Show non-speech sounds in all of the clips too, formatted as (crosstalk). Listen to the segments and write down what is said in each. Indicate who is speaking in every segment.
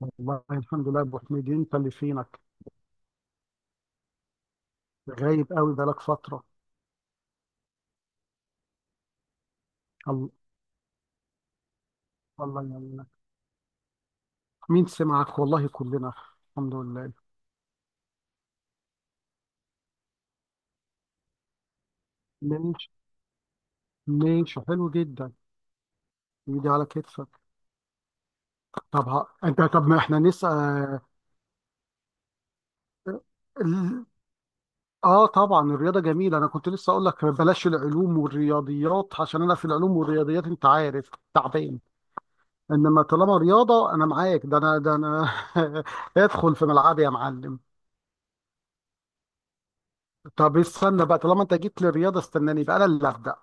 Speaker 1: والله الحمد لله يا ابو حميد. انت اللي فينك غايب قوي بقالك فتره. الله. الله يعينك. مين سمعك والله، كلنا. الحمد لله. ماشي. ماشي، حلو جدا. يجي على كتفك. طب ها. انت، طب ما احنا نسأل. ال- اه طبعا، الرياضه جميله. انا كنت لسه اقول لك بلاش العلوم والرياضيات، عشان انا في العلوم والرياضيات انت عارف تعبان. انما طالما رياضه انا معاك. ده انا، ده انا. (laughs) ادخل في ملعبي يا معلم. طب استنى بقى، طالما انت جيت للرياضه استناني بقى، انا اللي هبدا.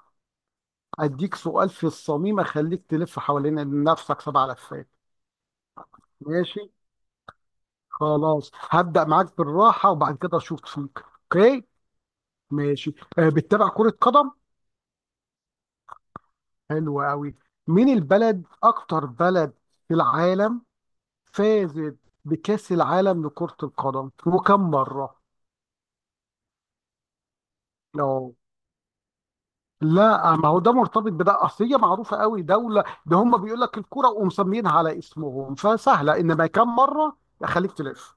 Speaker 1: اديك سؤال في الصميم، اخليك تلف حوالين نفسك 7 لفات. ماشي. خلاص، هبدا معاك بالراحه وبعد كده اشوف فيك، اوكي؟ ماشي. آه، بتتابع كره قدم؟ حلو قوي. مين البلد، اكتر بلد في العالم، فازت بكاس العالم لكره القدم؟ وكم مره؟ اه. لا، ما هو ده مرتبط بده، اصل هي معروفه قوي دوله. ده هم بيقول لك الكوره ومسمينها على اسمهم فسهله، انما كم مره؟ اخليك تلف.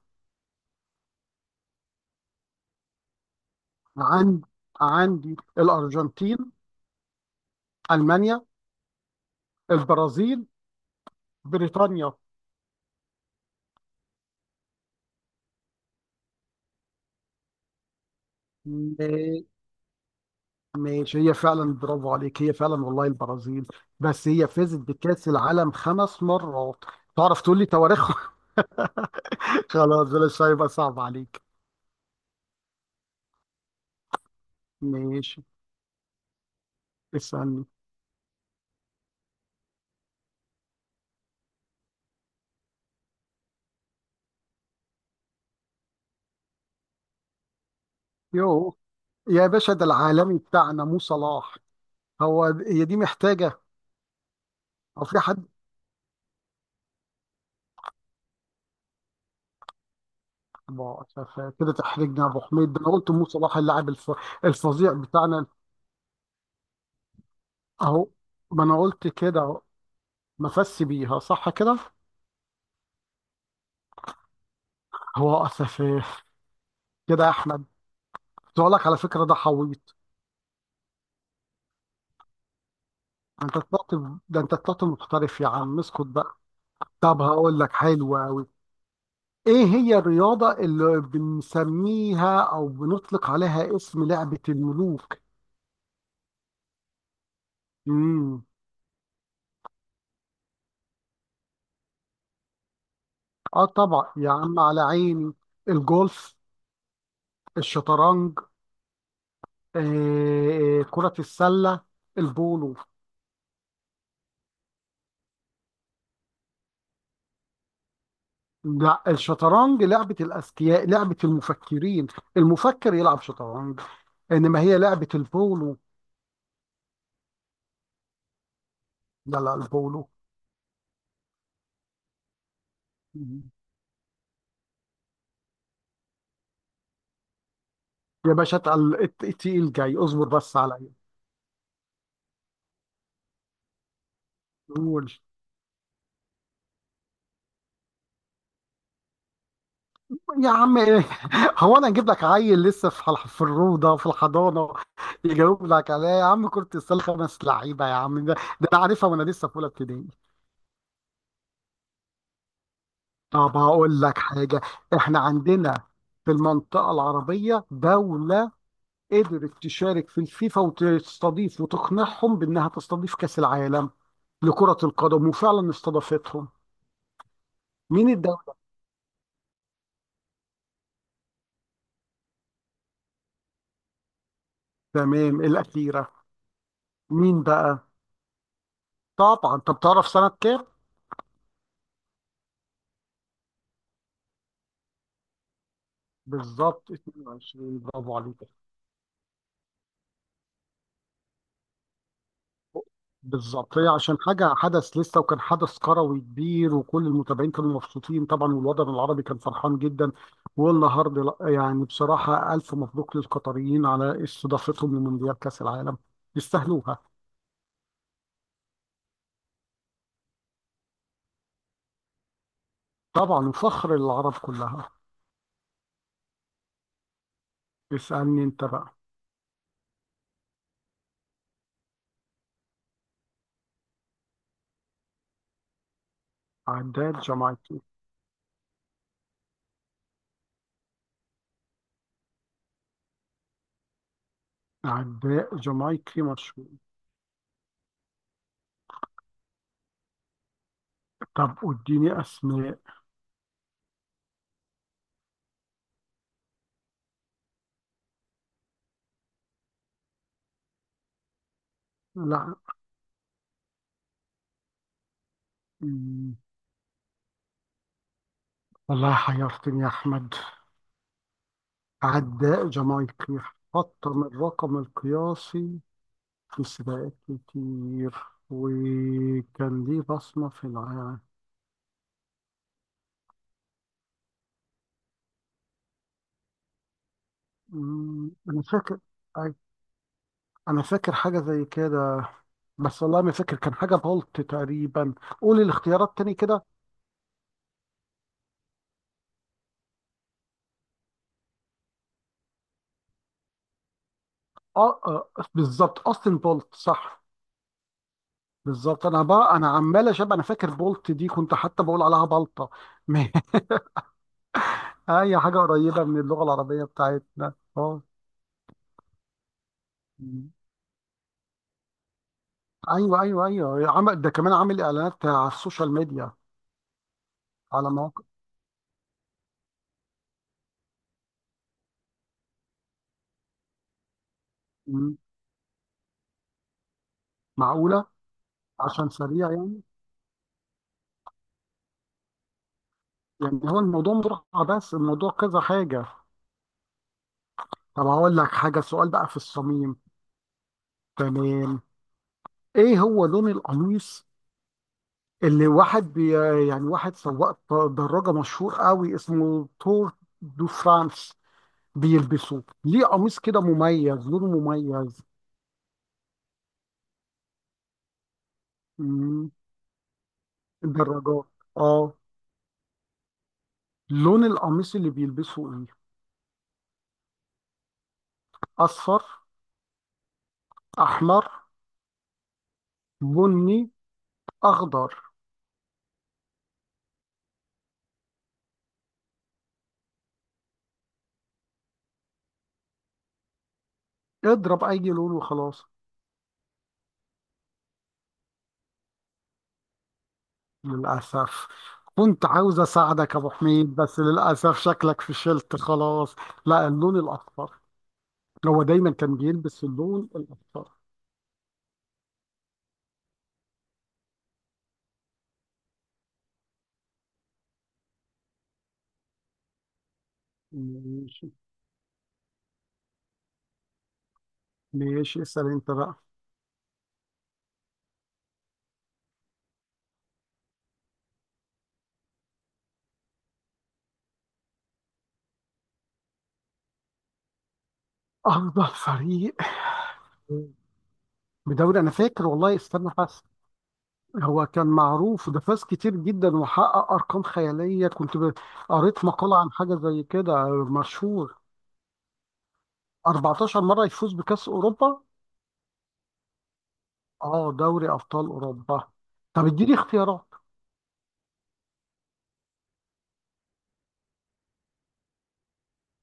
Speaker 1: عندي. عندي الارجنتين، المانيا، البرازيل، بريطانيا. م- ماشي، هي فعلا. برافو عليك، هي فعلا والله البرازيل. بس هي فازت بكاس العالم 5 مرات. تعرف تقول لي تواريخهم؟ (laughs) خلاص بلاش، هيبقى صعب عليك. ماشي. اسالني. يو. يا باشا، ده العالمي بتاعنا مو صلاح. هو هي دي محتاجة؟ أو في حد؟ ما شاف كده؟ تحرجني يا أبو حميد، ده أنا قلت مو صلاح اللاعب الفظيع بتاعنا. أهو. ما أنا قلت كده أهو. مفسي بيها، صح كده؟ هو أسف كده يا أحمد. كنت أقول لك على فكرة ده حويط. أنت طلعت، ده أنت طلعت محترف يا عم، اسكت بقى. طب هقول لك، حلو أوي. إيه هي الرياضة اللي بنسميها أو بنطلق عليها اسم لعبة الملوك؟ امم اه طبعا يا عم، على عيني. الجولف، الشطرنج، كرة السلة، البولو. لا، الشطرنج لعبة الأذكياء، لعبة المفكرين. المفكر يلعب شطرنج. إنما هي لعبة البولو. لا لا، البولو. يا باشا التقيل جاي، اصبر بس عليا. قول. يا عم ايه؟ (laughs) هو انا اجيب لك عيل لسه في الروضه، في الحضانه، يجاوب لك عليها يا عم؟ كرة السله 5 لعيبه يا عم، ده ده انا عارفها وانا لسه في اولى ابتدائي. طب هقول لك حاجة. احنا عندنا في المنطقة العربية دولة قدرت تشارك في الفيفا وتستضيف وتقنعهم بأنها تستضيف كأس العالم لكرة القدم، وفعلا استضافتهم. مين الدولة؟ تمام، الأخيرة. مين بقى؟ طبعا. طب تعرف سنة كام؟ بالظبط 22، برافو عليك. بالظبط، هي عشان حاجة حدث لسه وكان حدث كروي كبير، وكل المتابعين كانوا مبسوطين طبعا، والوطن العربي كان فرحان جدا. والنهارده لأ، يعني بصراحة ألف مبروك للقطريين على استضافتهم لمونديال كأس العالم. يستاهلوها. طبعا، وفخر للعرب كلها. اسألني أنت بقى. عداء جامايكي. عداء جامايكي مشهور. طب اديني أسماء. لا. مم. والله حيرتني يا أحمد. عداء جامايكي، حط من الرقم القياسي في سباقات كتير، وكان ليه بصمة في العالم. أمم، أنا فاكر. أي- أنا فاكر حاجة زي كده، بس والله ما فاكر، كان حاجة بولت تقريبا. قولي الاختيارات تاني كده. آه، آه بالظبط، أوستن بولت صح. بالظبط. أنا بقى أنا عمال أشبه، أنا فاكر بولت دي كنت حتى بقول عليها بلطة. (laughs) أي حاجة قريبة من اللغة العربية بتاعتنا أه. أمم. أيوه أيوه أيوه، عمل ده كمان، عامل إعلانات على السوشيال ميديا، على مواقع. أمم. معقولة؟ عشان سريع يعني. يعني هو الموضوع مطرحة، بس الموضوع كذا حاجة. طب هقول لك حاجة، سؤال بقى في الصميم. تمام. ايه هو لون القميص اللي واحد يعني واحد سواق دراجة مشهور قوي اسمه تور دو فرانس بيلبسه؟ ليه قميص كده مميز، لونه مميز؟ مم، الدراجات. اه. لون القميص اللي بيلبسه ايه؟ اصفر، احمر، بني، اخضر. اضرب اي لون وخلاص. للأسف. كنت عاوز أساعدك يا أبو حميد، بس للأسف شكلك فشلت خلاص. لا، اللون الأخضر. هو دايما كان بيلبس اللون الأخضر. ماشي. ماشي، اسأل أنت بقى. أفضل فريق؟ بدوري، أنا فاكر والله، استنى بس. هو كان معروف، ده فاز كتير جدا وحقق أرقام خيالية. كنت قريت مقالة عن حاجة زي كده مشهور. 14 مرة يفوز بكأس أوروبا. اه، دوري أبطال أوروبا. طب اديني اختيارات.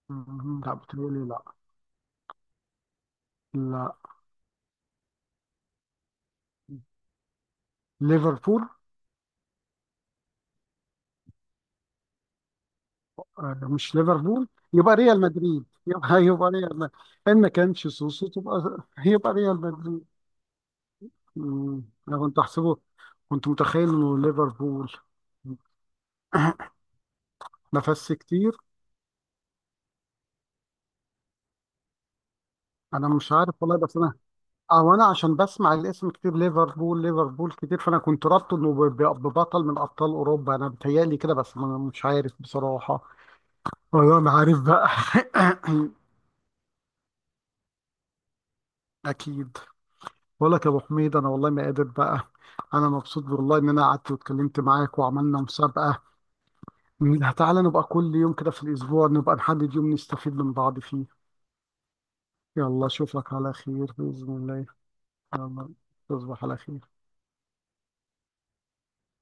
Speaker 1: مم، لا، بتقولي لا. لا، ليفربول. آه، مش ليفربول. يبقى ريال مدريد، يبقى يبقى ريال مدريد. ان ما كانش سوسو تبقى. يبقى ريال مدريد. مم، انا كنت احسبه، كنت متخيل انه ليفربول. (clears throat) نفس كتير. انا مش عارف والله، بس انا. او انا عشان بسمع الاسم كتير، ليفربول ليفربول كتير، فانا كنت رابطه انه ببطل من ابطال اوروبا، انا بتهيألي كده، بس انا مش عارف بصراحة. والله ما عارف بقى. (clears throat) اكيد. بقول لك يا ابو حميد، انا والله ما قادر بقى. انا مبسوط والله ان انا قعدت واتكلمت معاك وعملنا مسابقه. تعالى نبقى كل يوم كده في الاسبوع، نبقى نحدد يوم نستفيد من بعض فيه. يلا اشوفك على خير باذن الله. يلا تصبح على خير.